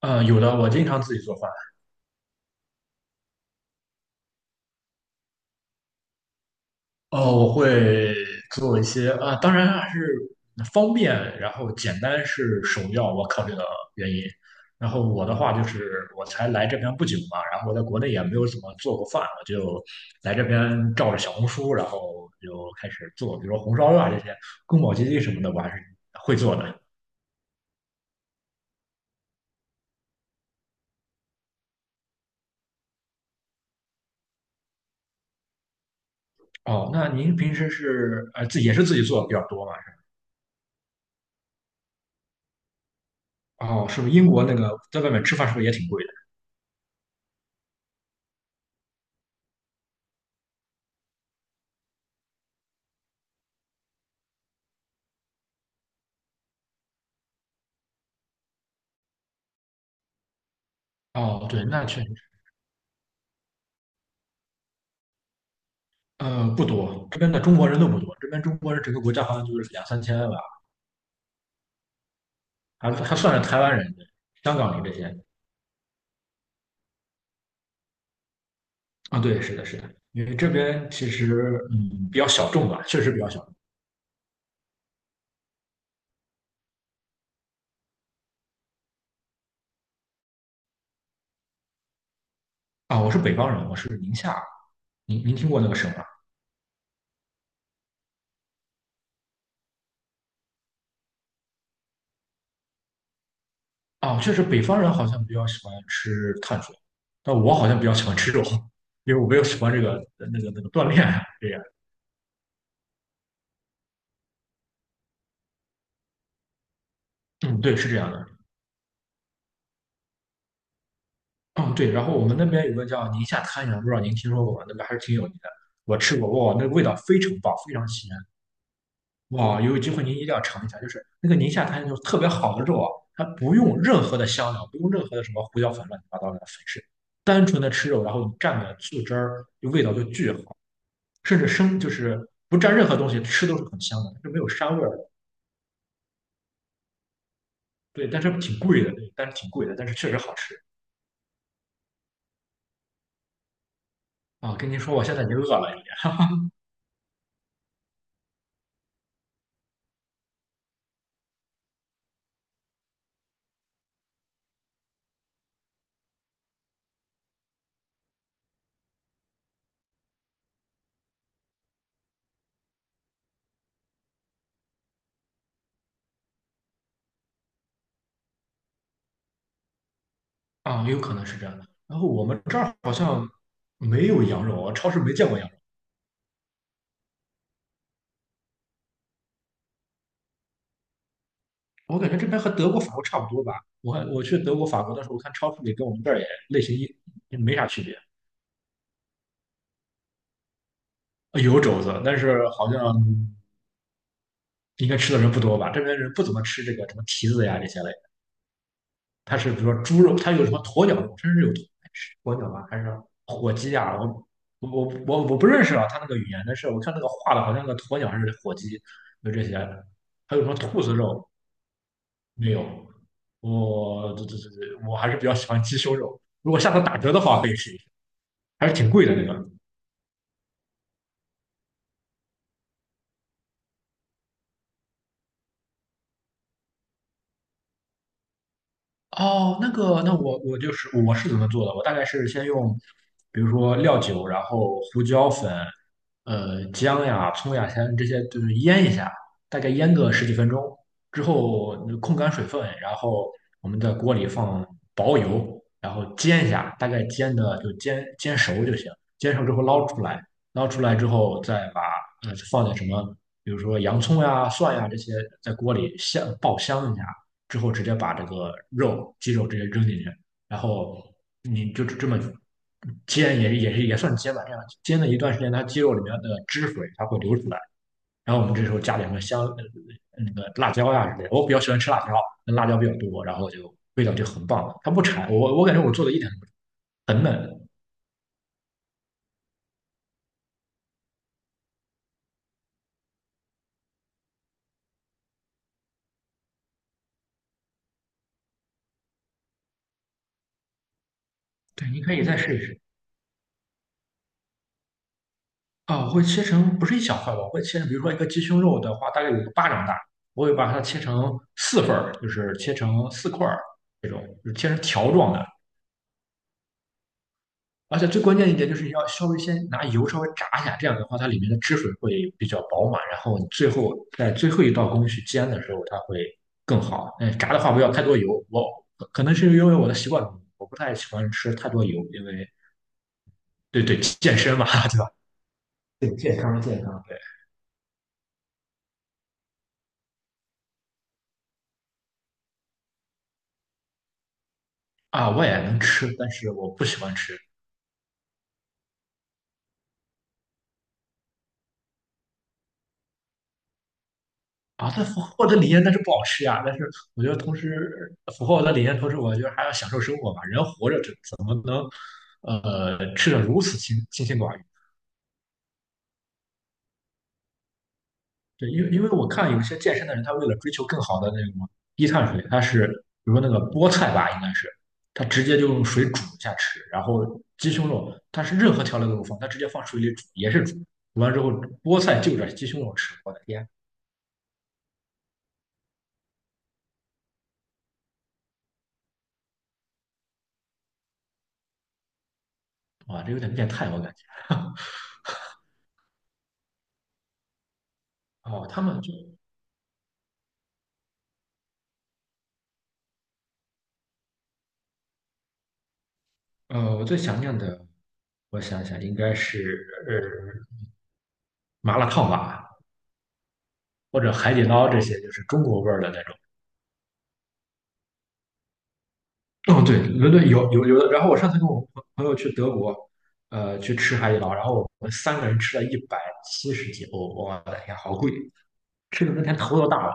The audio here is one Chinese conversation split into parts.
有的，我经常自己做饭。哦，我会做一些啊、当然还是方便，然后简单是首要我考虑的原因。然后我的话就是，我才来这边不久嘛，然后我在国内也没有怎么做过饭，我就来这边照着小红书，然后就开始做，比如说红烧肉啊这些，宫保鸡丁什么的，我还是会做的。哦，那您平时是自己也是自己做的比较多嘛？是吧？哦，是不是英国那个在外面吃饭是不是也挺贵的？哦，对，那确实。不多，这边的中国人都不多，这边中国人整个国家好像就是2~3千吧，还算是台湾人、香港人这些。啊，对，是的，是的，因为这边其实比较小众吧，确实比较小众啊。我是北方人，我是宁夏，您听过那个省吗？啊，确实北方人好像比较喜欢吃碳水，但我好像比较喜欢吃肉，因为我比较喜欢这个那个锻炼啊这样。嗯，对，是这样的。嗯，对，然后我们那边有个叫宁夏滩羊不知道您听说过吗？那边还是挺有名的。我吃过，哇，那个味道非常棒，非常鲜。哇，有机会您一定要尝一下，就是那个宁夏滩就是特别好的肉啊，它不用任何的香料，不用任何的什么胡椒粉、乱七八糟的粉饰，单纯的吃肉，然后你蘸点醋汁儿，就味道就巨好，甚至生就是不蘸任何东西吃都是很香的，就没有膻味儿的。对，但是挺贵的，对但是挺贵的，但是确实好吃啊。跟您说，我现在已经饿了，有点。啊，有可能是这样的。然后我们这儿好像没有羊肉，我超市没见过羊肉。我感觉这边和德国、法国差不多吧。我去德国、法国的时候，我看超市里跟我们这儿也类型一也没啥区别，有肘子，但是好像应该吃的人不多吧。这边人不怎么吃这个什么蹄子呀这些类的，它是比如说猪肉，它有什么鸵鸟肉，甚至有鸵鸟吧，还是火鸡呀？我不认识啊，它那个语言，但是我看那个画的好像个鸵鸟还是火鸡，就这些。还有什么兔子肉没有？我这这这这，我还是比较喜欢鸡胸肉。如果下次打折的话，可以试一试，还是挺贵的那个。哦，那个，那我我就是我是怎么做的？我大概是先用，比如说料酒，然后胡椒粉，姜呀、葱呀，先这些就是腌一下，大概腌个10几分钟之后，控干水分，然后我们在锅里放薄油，然后煎一下，大概煎的就煎熟就行。煎熟之后捞出来，捞出来之后再把放点什么，比如说洋葱呀、蒜呀这些在锅里爆香一下。之后直接把这个肉、鸡肉直接扔进去，然后你就这么煎，也算煎吧，这样煎了一段时间，它鸡肉里面的汁水它会流出来，然后我们这时候加点个香，那个辣椒呀之类的，我比较喜欢吃辣椒，那辣椒比较多，然后就味道就很棒，它不柴，我感觉我做的一点都不柴很嫩，对，你可以再试一试。啊，我会切成不是一小块吧，我会切成，比如说一个鸡胸肉的话，大概有个巴掌大，我会把它切成4份儿，就是切成4块儿这种，就是切成条状的。而且最关键一点就是要稍微先拿油稍微炸一下，这样的话它里面的汁水会比较饱满，然后你最后在最后一道工序煎的时候它会更好。嗯，炸的话不要太多油，我可能是因为我的习惯，我不太喜欢吃太多油，因为对健身嘛，对吧？对健康。对。啊，我也能吃，但是我不喜欢吃啊。但符合我的理念，但是不好吃呀。但是我觉得同时符合我的理念，同时我觉得还要享受生活嘛。人活着怎么能吃的如此清心寡欲？对，因为我看有些健身的人，他为了追求更好的那种低碳水，他是比如说那个菠菜吧，应该是他直接就用水煮一下吃，然后鸡胸肉，他是任何调料都不放，他直接放水里煮也是煮，煮完之后菠菜就着鸡胸肉吃，我的天啊，这有点变态，我感觉。哦，他们就，我最想念的，我想想，应该是呃麻辣烫吧，或者海底捞这些，就是中国味儿的那种。哦，对，伦敦有的。然后我上次跟我朋友去德国，去吃海底捞，然后我们3个人吃了170几欧，我的天，好贵！吃的那天头都大了。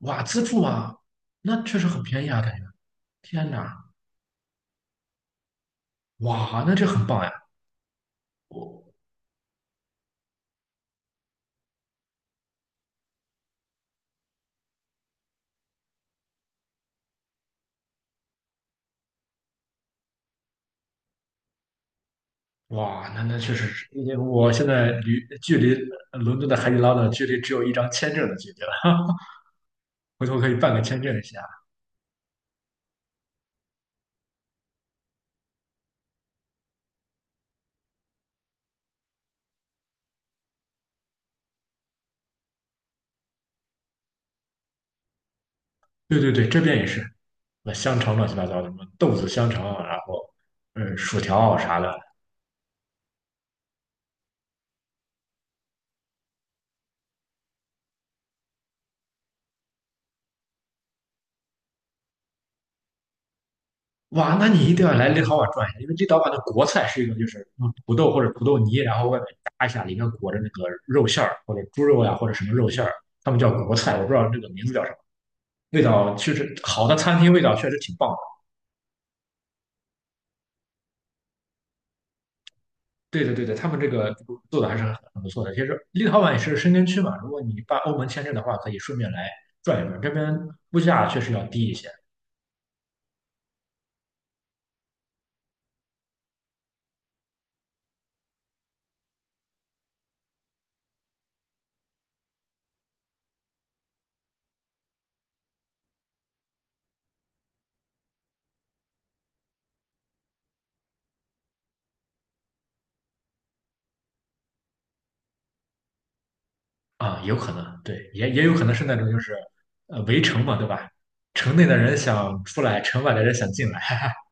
哇，自助啊，那确实很便宜啊，感觉。天哪，哇，那这很棒呀！哇，那那确实是，因为我现在离距离伦敦的海底捞的距离只有一张签证的距离了，回头可以办个签证一下。对，这边也是，那香肠乱七八糟的，什么豆子香肠啊然后嗯，薯条啊啥的。哇，那你一定要来立陶宛转一下，因为立陶宛的国菜是一个就是用土豆或者土豆泥，然后外面炸一下，里面裹着那个肉馅儿或者猪肉呀、或者什么肉馅儿，他们叫国菜，我不知道这个名字叫什么。味道确实好的餐厅味道确实挺棒。对的，对的，他们这个做的还是很不错的。其实立陶宛也是申根区嘛，如果你办欧盟签证的话，可以顺便来转一转。这边物价确实要低一些啊，有可能，对，也有可能是那种就是围城嘛，对吧？城内的人想出来，城外的人想进来。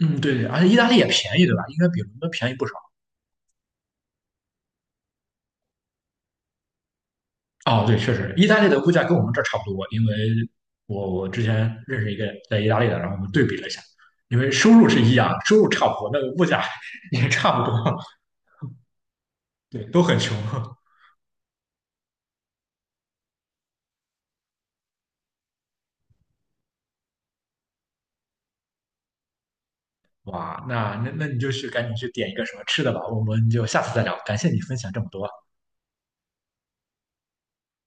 嗯，对对，而且意大利也便宜，对吧？应该比伦敦便宜不少。哦，对，确实，意大利的物价跟我们这儿差不多，因为我之前认识一个在意大利的，然后我们对比了一下，因为收入是一样，收入差不多，那个物价 也差不多。对，都很穷。哇，那你就去赶紧去点一个什么吃的吧，我们就下次再聊。感谢你分享这么多。